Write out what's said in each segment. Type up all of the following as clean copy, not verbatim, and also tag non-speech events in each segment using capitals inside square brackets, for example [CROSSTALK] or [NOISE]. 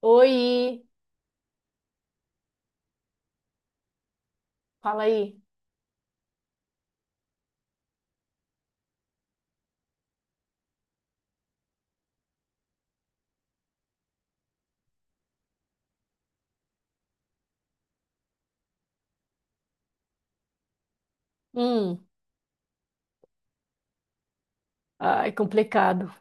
Oi, fala aí. Hum, ai, complicado.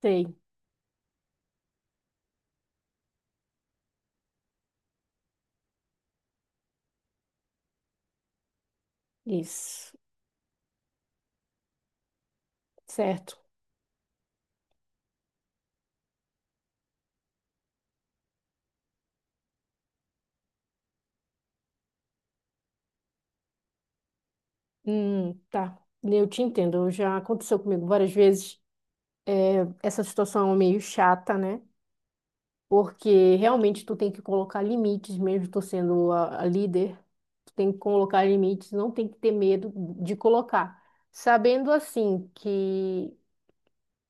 Sei, isso, certo. Tá. Eu te entendo, já aconteceu comigo várias vezes. É, essa situação é meio chata, né? Porque realmente tu tem que colocar limites, mesmo tu sendo a líder, tu tem que colocar limites, não tem que ter medo de colocar. Sabendo assim que,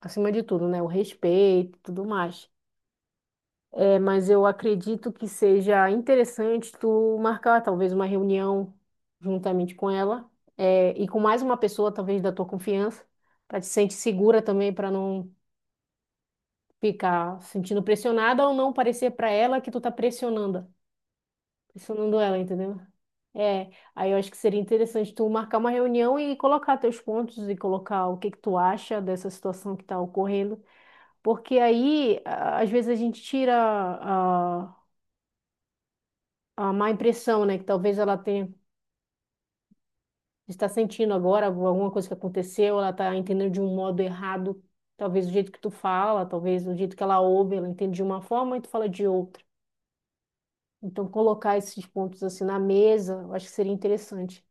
acima de tudo, né, o respeito e tudo mais. É, mas eu acredito que seja interessante tu marcar talvez uma reunião juntamente com ela, é, e com mais uma pessoa, talvez da tua confiança, para te sentir segura também, para não ficar sentindo pressionada ou não parecer para ela que tu tá pressionando ela, entendeu? É, aí eu acho que seria interessante tu marcar uma reunião e colocar teus pontos e colocar o que que tu acha dessa situação que está ocorrendo, porque aí às vezes a gente tira a má impressão, né? Que talvez ela tenha, está sentindo agora alguma coisa que aconteceu, ela está entendendo de um modo errado. Talvez o jeito que tu fala, talvez o jeito que ela ouve, ela entende de uma forma e tu fala de outra. Então, colocar esses pontos assim na mesa, eu acho que seria interessante.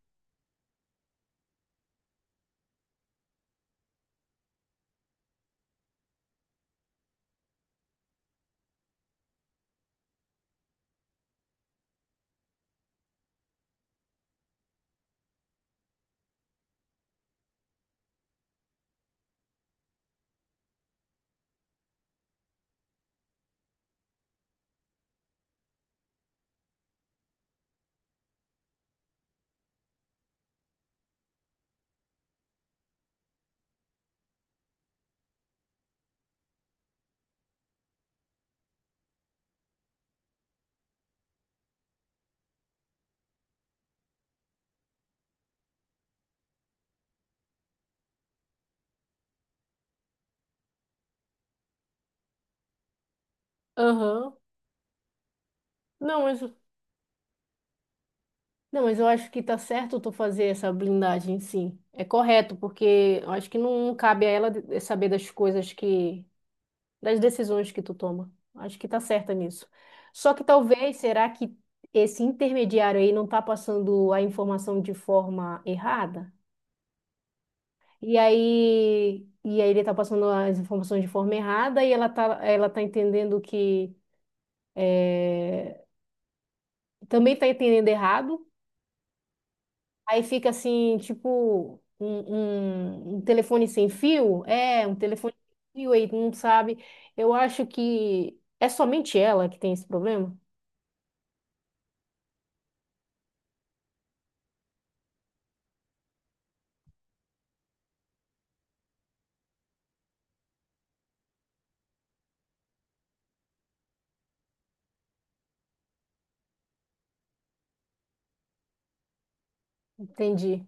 Aham. Não, mas, não, mas eu acho que tá certo tu fazer essa blindagem, sim. É correto, porque eu acho que não cabe a ela saber das coisas que das decisões que tu toma. Acho que tá certa nisso. Só que talvez, será que esse intermediário aí não tá passando a informação de forma errada? E aí ele tá passando as informações de forma errada e ela tá entendendo que é, também tá entendendo errado. Aí fica assim, tipo, um telefone sem fio? É, um telefone sem fio aí, tu não sabe. Eu acho que é somente ela que tem esse problema. Entendi.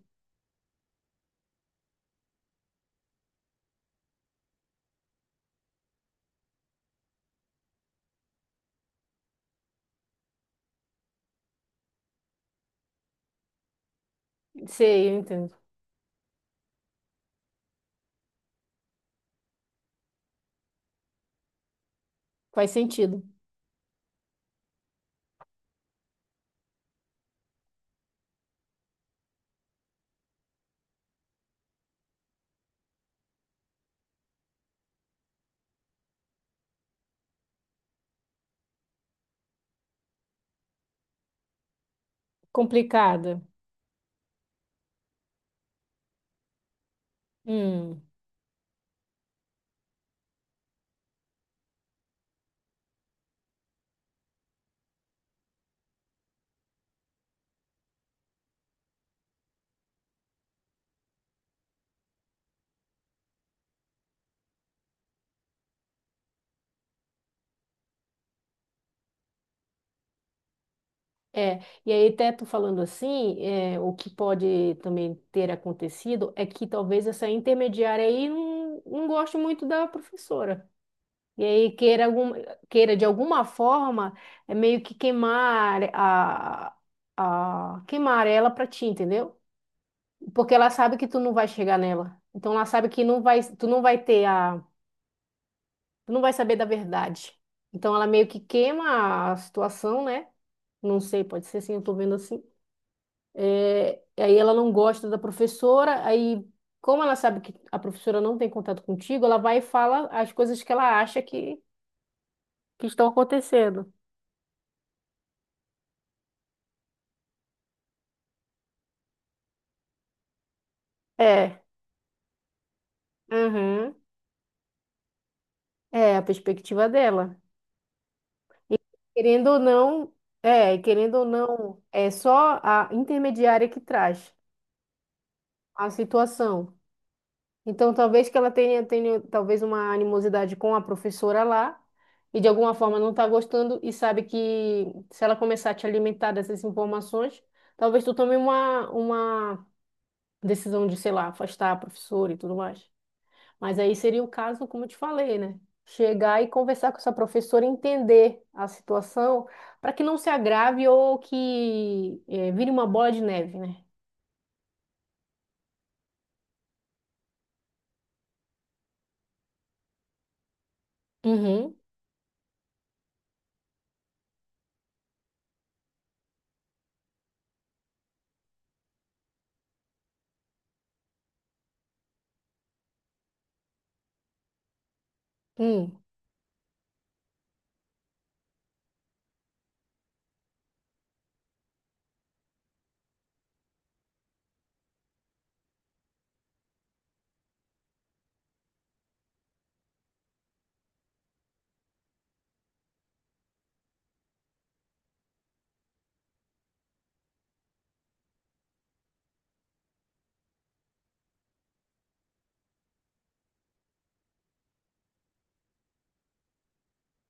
Sei, eu entendo. Faz sentido. Complicada. Hum, é. E aí, até tu falando assim, é, o que pode também ter acontecido é que talvez essa intermediária aí não goste muito da professora. E aí queira de alguma forma é meio que a queimar ela pra ti, entendeu? Porque ela sabe que tu não vai chegar nela. Então ela sabe que não vai, tu não vai ter a tu não vai saber da verdade. Então ela meio que queima a situação, né? Não sei, pode ser assim, eu tô vendo assim. É, aí ela não gosta da professora, aí como ela sabe que a professora não tem contato contigo, ela vai e fala as coisas que ela acha que estão acontecendo. É, uhum, é a perspectiva dela. E querendo ou não, querendo ou não, é só a intermediária que traz a situação. Então, talvez que ela tenha talvez uma animosidade com a professora lá e de alguma forma não está gostando e sabe que se ela começar a te alimentar dessas informações, talvez tu tome uma decisão de, sei lá, afastar a professora e tudo mais. Mas aí seria o caso, como eu te falei, né? Chegar e conversar com essa professora, entender a situação para que não se agrave ou que vire uma bola de neve, né? Uhum. Hum.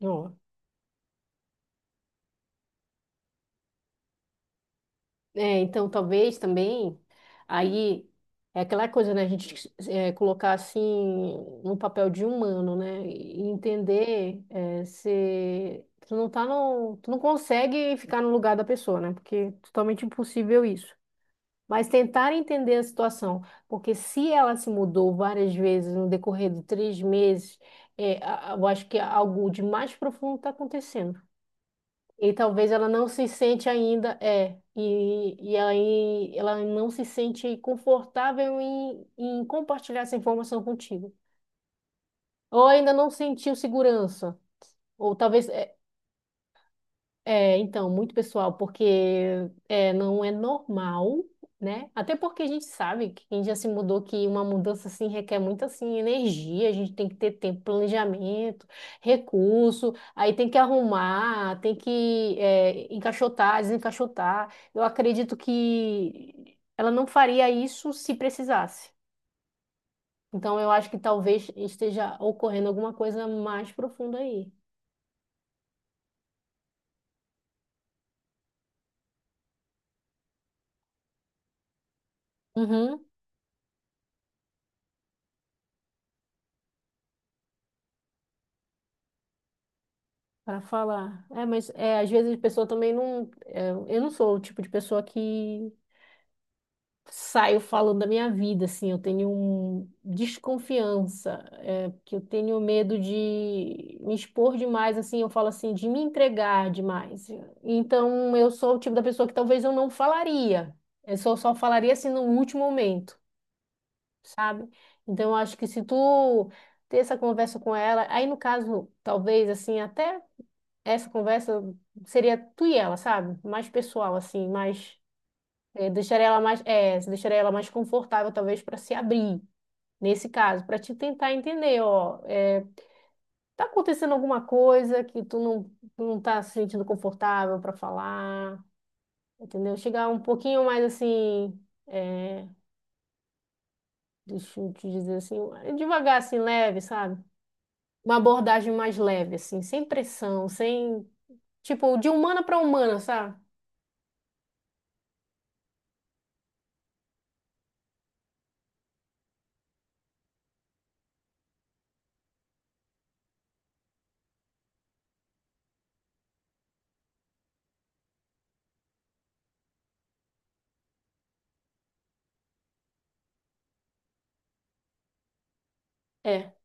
Ó. É, então talvez também aí é aquela coisa, né? A gente colocar assim no papel de humano, né? E entender se tu não consegue ficar no lugar da pessoa, né? Porque é totalmente impossível isso. Mas tentar entender a situação, porque se ela se mudou várias vezes no decorrer de 3 meses, eu acho que algo de mais profundo está acontecendo. E talvez ela não se sente ainda, e aí ela não se sente confortável em compartilhar essa informação contigo. Ou ainda não sentiu segurança. Ou talvez. É, então, muito pessoal, porque não é normal, né? Até porque a gente sabe que quem já se mudou, que uma mudança assim requer muito assim energia, a gente tem que ter tempo, planejamento, recurso, aí tem que arrumar, tem que encaixotar, desencaixotar. Eu acredito que ela não faria isso se precisasse. Então, eu acho que talvez esteja ocorrendo alguma coisa mais profunda aí. Uhum, para falar. É, mas às vezes a pessoa também não. Eu não sou o tipo de pessoa que saio falando da minha vida, assim. Eu tenho um desconfiança, porque eu tenho medo de me expor demais, assim. Eu falo assim, de me entregar demais. Então, eu sou o tipo da pessoa que talvez eu não falaria. Eu só falaria assim no último momento, sabe? Então, eu acho que se tu ter essa conversa com ela, aí no caso, talvez, assim, até essa conversa seria tu e ela, sabe? Mais pessoal, assim, mais. É, deixaria ela mais. É, deixaria ela mais confortável, talvez, para se abrir, nesse caso, para te tentar entender, ó. É, tá acontecendo alguma coisa que tu não tá se sentindo confortável para falar, entendeu? Chegar um pouquinho mais assim. É, deixa eu te dizer assim, devagar, assim, leve, sabe? Uma abordagem mais leve, assim, sem pressão, sem. Tipo, de humana para humana, sabe? É.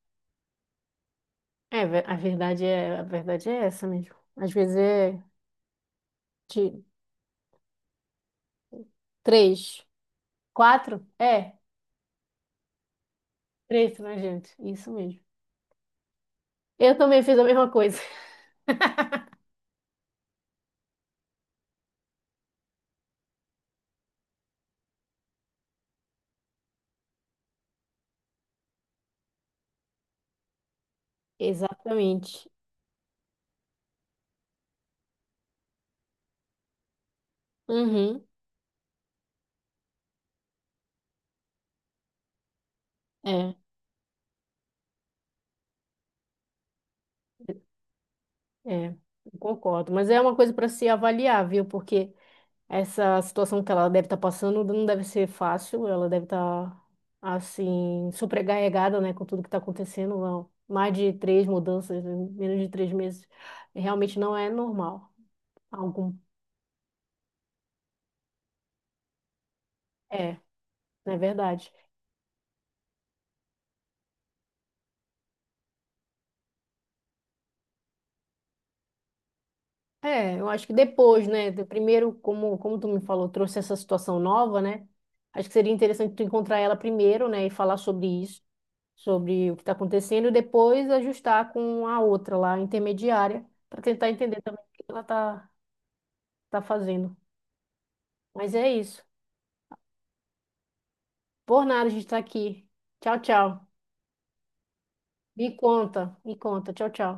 É, a verdade é essa mesmo. Às vezes é de três, quatro, três pra gente. Isso mesmo. Eu também fiz a mesma coisa. [LAUGHS] Exatamente. Uhum. É, é, eu concordo. Mas é uma coisa para se avaliar, viu? Porque essa situação que ela deve estar passando não deve ser fácil. Ela deve estar, assim, sobrecarregada, né, com tudo que está acontecendo. Não. Mais de três mudanças em menos de 3 meses realmente não é normal. Algum É, é verdade. É, eu acho que depois, né? Do primeiro, como tu me falou, trouxe essa situação nova, né? Acho que seria interessante tu encontrar ela primeiro, né? E falar sobre isso, sobre o que está acontecendo, e depois ajustar com a outra lá, intermediária, para tentar entender também o que ela tá fazendo. Mas é isso. Por nada a gente tá aqui. Tchau, tchau. Me conta, me conta. Tchau, tchau.